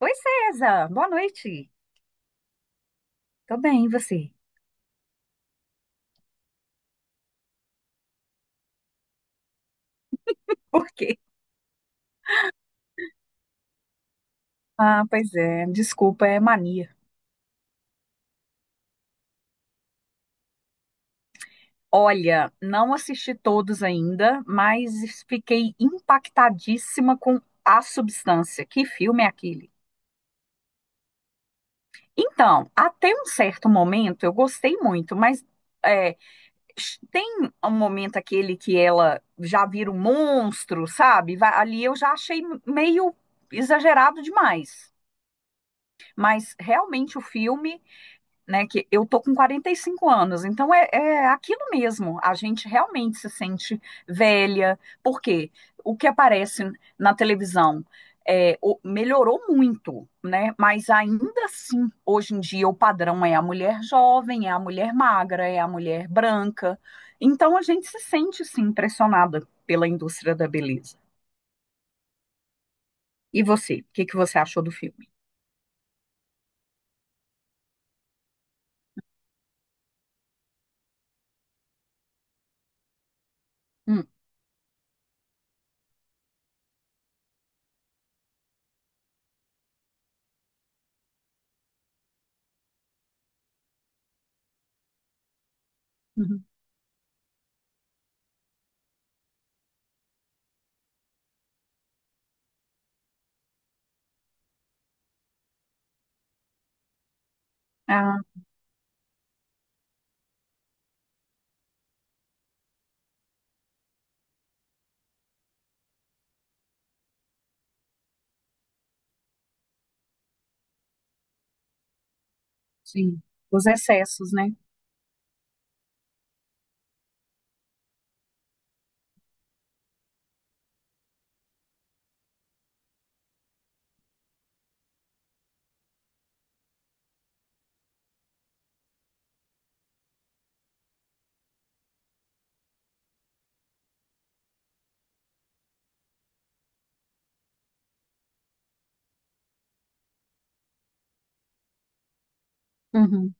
Oi, César. Boa noite. Tô bem, e você? Por quê? Ah, pois é. Desculpa, é mania. Olha, não assisti todos ainda, mas fiquei impactadíssima com A Substância. Que filme é aquele? Então, até um certo momento eu gostei muito, mas é, tem um momento aquele que ela já vira um monstro, sabe? Ali eu já achei meio exagerado demais. Mas realmente o filme, né, que eu tô com 45 anos, então é aquilo mesmo, a gente realmente se sente velha, porque o que aparece na televisão melhorou muito, né, mas ainda assim, hoje em dia, o padrão é a mulher jovem, é a mulher magra, é a mulher branca, então a gente se sente, sim, impressionada pela indústria da beleza. E você, o que que você achou do filme? Hum. Uhum. Ah, sim, os excessos, né? Uhum.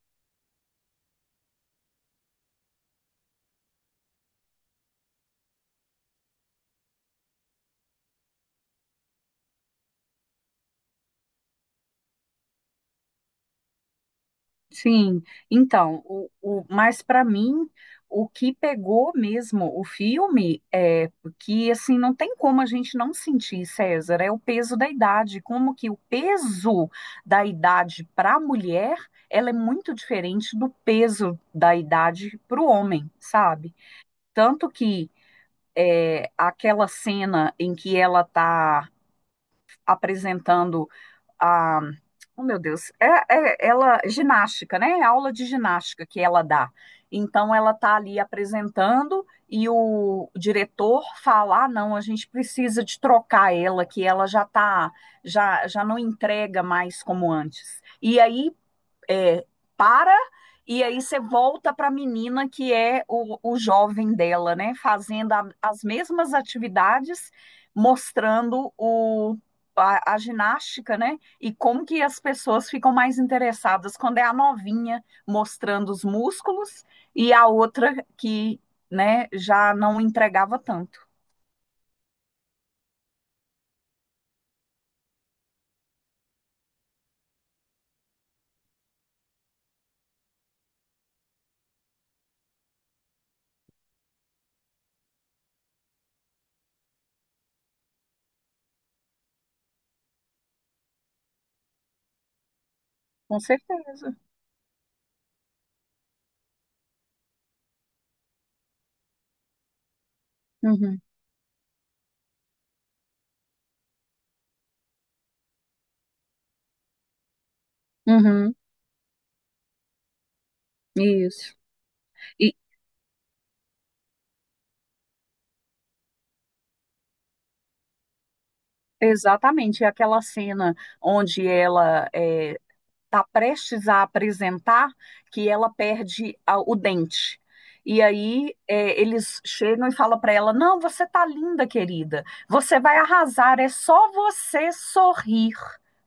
Sim, então, mas para mim, o que pegou mesmo o filme é que, assim, não tem como a gente não sentir, César, é o peso da idade, como que o peso da idade para a mulher, ela é muito diferente do peso da idade para o homem, sabe? Tanto que aquela cena em que ela está apresentando a, oh meu Deus, ela ginástica, né? É aula de ginástica que ela dá. Então ela está ali apresentando e o diretor fala: "Ah, não, a gente precisa de trocar ela, que ela já tá, já já não entrega mais como antes". E aí, é, para, e aí você volta para a menina que é o jovem dela, né? Fazendo as mesmas atividades, mostrando a ginástica, né? E como que as pessoas ficam mais interessadas quando é a novinha mostrando os músculos e a outra que, né, já não entregava tanto. Com certeza. Uhum, uhum, isso. E exatamente é aquela cena onde ela está prestes a apresentar que ela perde o dente. E aí, é, eles chegam e falam para ela: Não, você tá linda, querida. Você vai arrasar. É só você sorrir.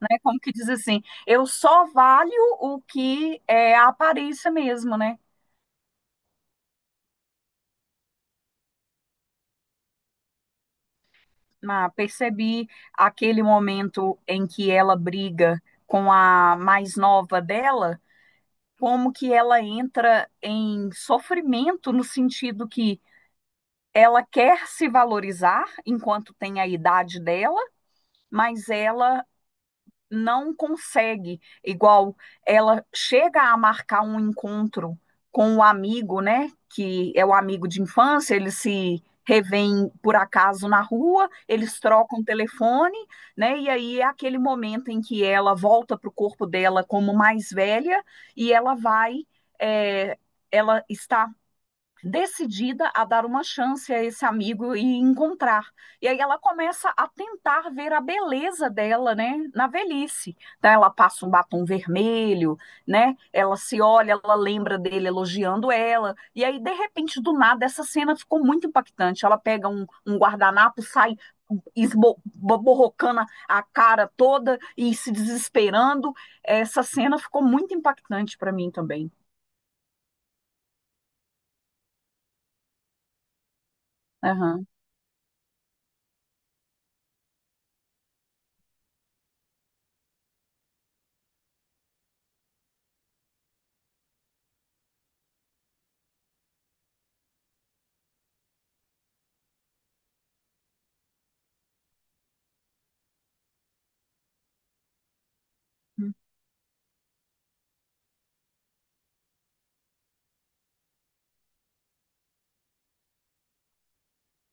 Né? Como que diz assim? Eu só valho o que é a aparência mesmo, né? Ah, percebi aquele momento em que ela briga com a mais nova dela, como que ela entra em sofrimento no sentido que ela quer se valorizar enquanto tem a idade dela, mas ela não consegue. Igual ela chega a marcar um encontro com o amigo, né? Que é o amigo de infância. Ele se revêm por acaso na rua, eles trocam telefone, né? E aí é aquele momento em que ela volta para o corpo dela como mais velha e ela vai. é, Ela está decidida a dar uma chance a esse amigo e encontrar. E aí ela começa a tentar ver a beleza dela, né, na velhice. Então ela passa um batom vermelho, né? Ela se olha, ela lembra dele elogiando ela. E aí de repente do nada essa cena ficou muito impactante. Ela pega um guardanapo, sai borrocando a cara toda e se desesperando. Essa cena ficou muito impactante para mim também. Uhum.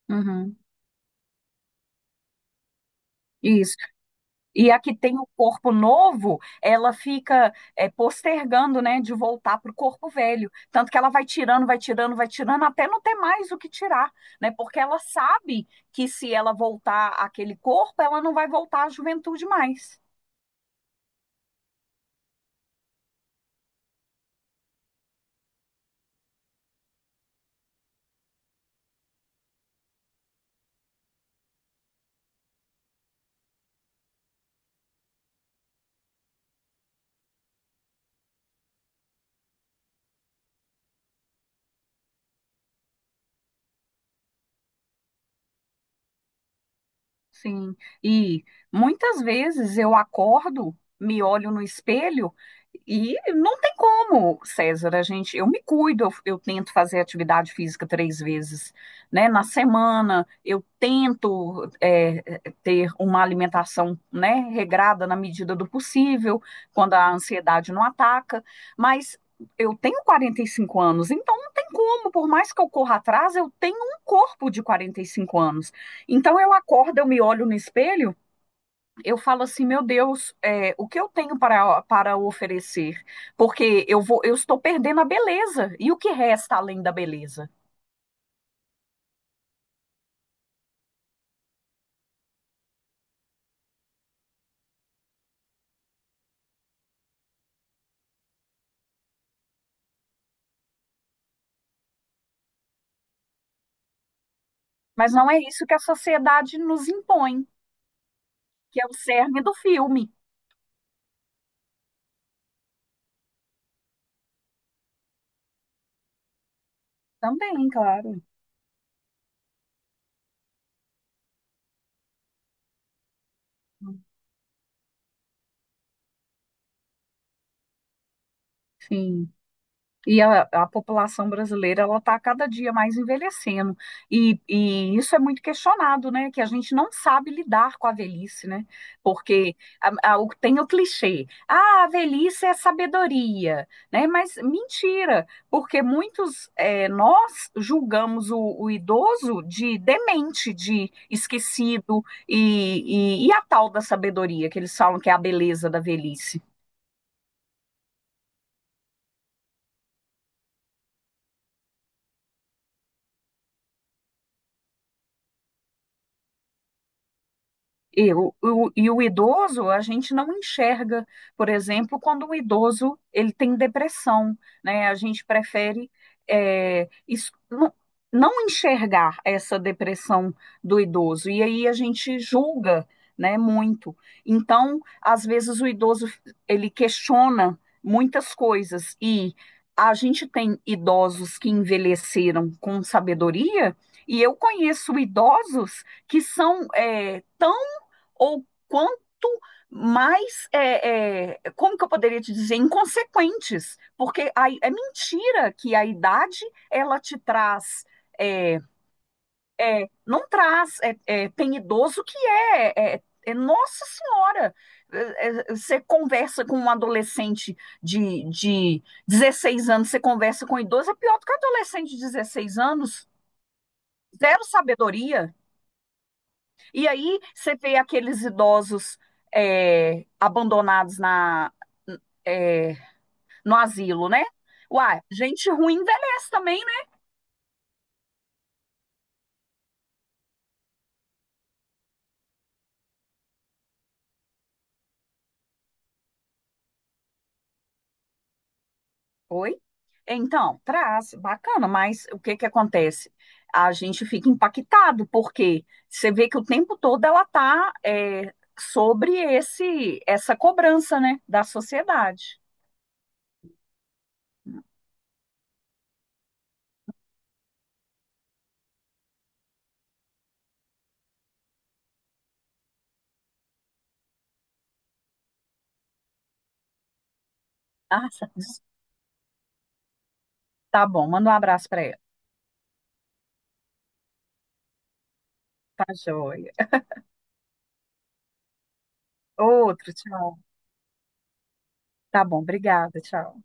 Uhum. Isso. E a que tem o corpo novo, ela fica, é, postergando, né, de voltar para o corpo velho. Tanto que ela vai tirando, vai tirando, vai tirando, até não ter mais o que tirar, né? Porque ela sabe que se ela voltar àquele corpo, ela não vai voltar à juventude mais. Sim, e muitas vezes eu acordo, me olho no espelho e não tem como, César, a gente, eu me cuido, eu tento fazer atividade física 3 vezes, né, na semana, eu tento, é, ter uma alimentação, né, regrada na medida do possível, quando a ansiedade não ataca, mas eu tenho 45 anos, então não tem como, por mais que eu corra atrás, eu tenho um corpo de 45 anos. Então eu acordo, eu me olho no espelho, eu falo assim, meu Deus, é, o que eu tenho para, para oferecer? Porque eu vou, eu estou perdendo a beleza. E o que resta além da beleza? Mas não é isso que a sociedade nos impõe, que é o cerne do filme. Também, claro. Sim. E a população brasileira ela está cada dia mais envelhecendo. E isso é muito questionado, né? Que a gente não sabe lidar com a velhice, né? Porque tem o clichê, ah, a velhice é sabedoria, né? Mas mentira, porque muitos, é, nós julgamos o idoso de demente, de esquecido, e a tal da sabedoria que eles falam que é a beleza da velhice. E o idoso, a gente não enxerga, por exemplo, quando o idoso ele tem depressão, né? A gente prefere, não, não enxergar essa depressão do idoso, e aí a gente julga, né, muito. Então, às vezes o idoso ele questiona muitas coisas, e a gente tem idosos que envelheceram com sabedoria, e eu conheço idosos que são, é, tão ou quanto mais, como que eu poderia te dizer, inconsequentes, porque é mentira que a idade ela te traz, é, não traz, tem idoso que Nossa Senhora. Você conversa com um adolescente de 16 anos, você conversa com um idoso, é pior do que um adolescente de 16 anos, zero sabedoria. E aí você vê aqueles idosos, abandonados na, é, no asilo, né? Uai, gente ruim envelhece também, né? Oi? Então, traz, bacana, mas o que que acontece? A gente fica impactado, porque você vê que o tempo todo ela tá, é, sobre esse essa cobrança, né, da sociedade. Ah, tá bom, manda um abraço para ela. Tá joia. Outro, tchau. Tá bom, obrigada, tchau.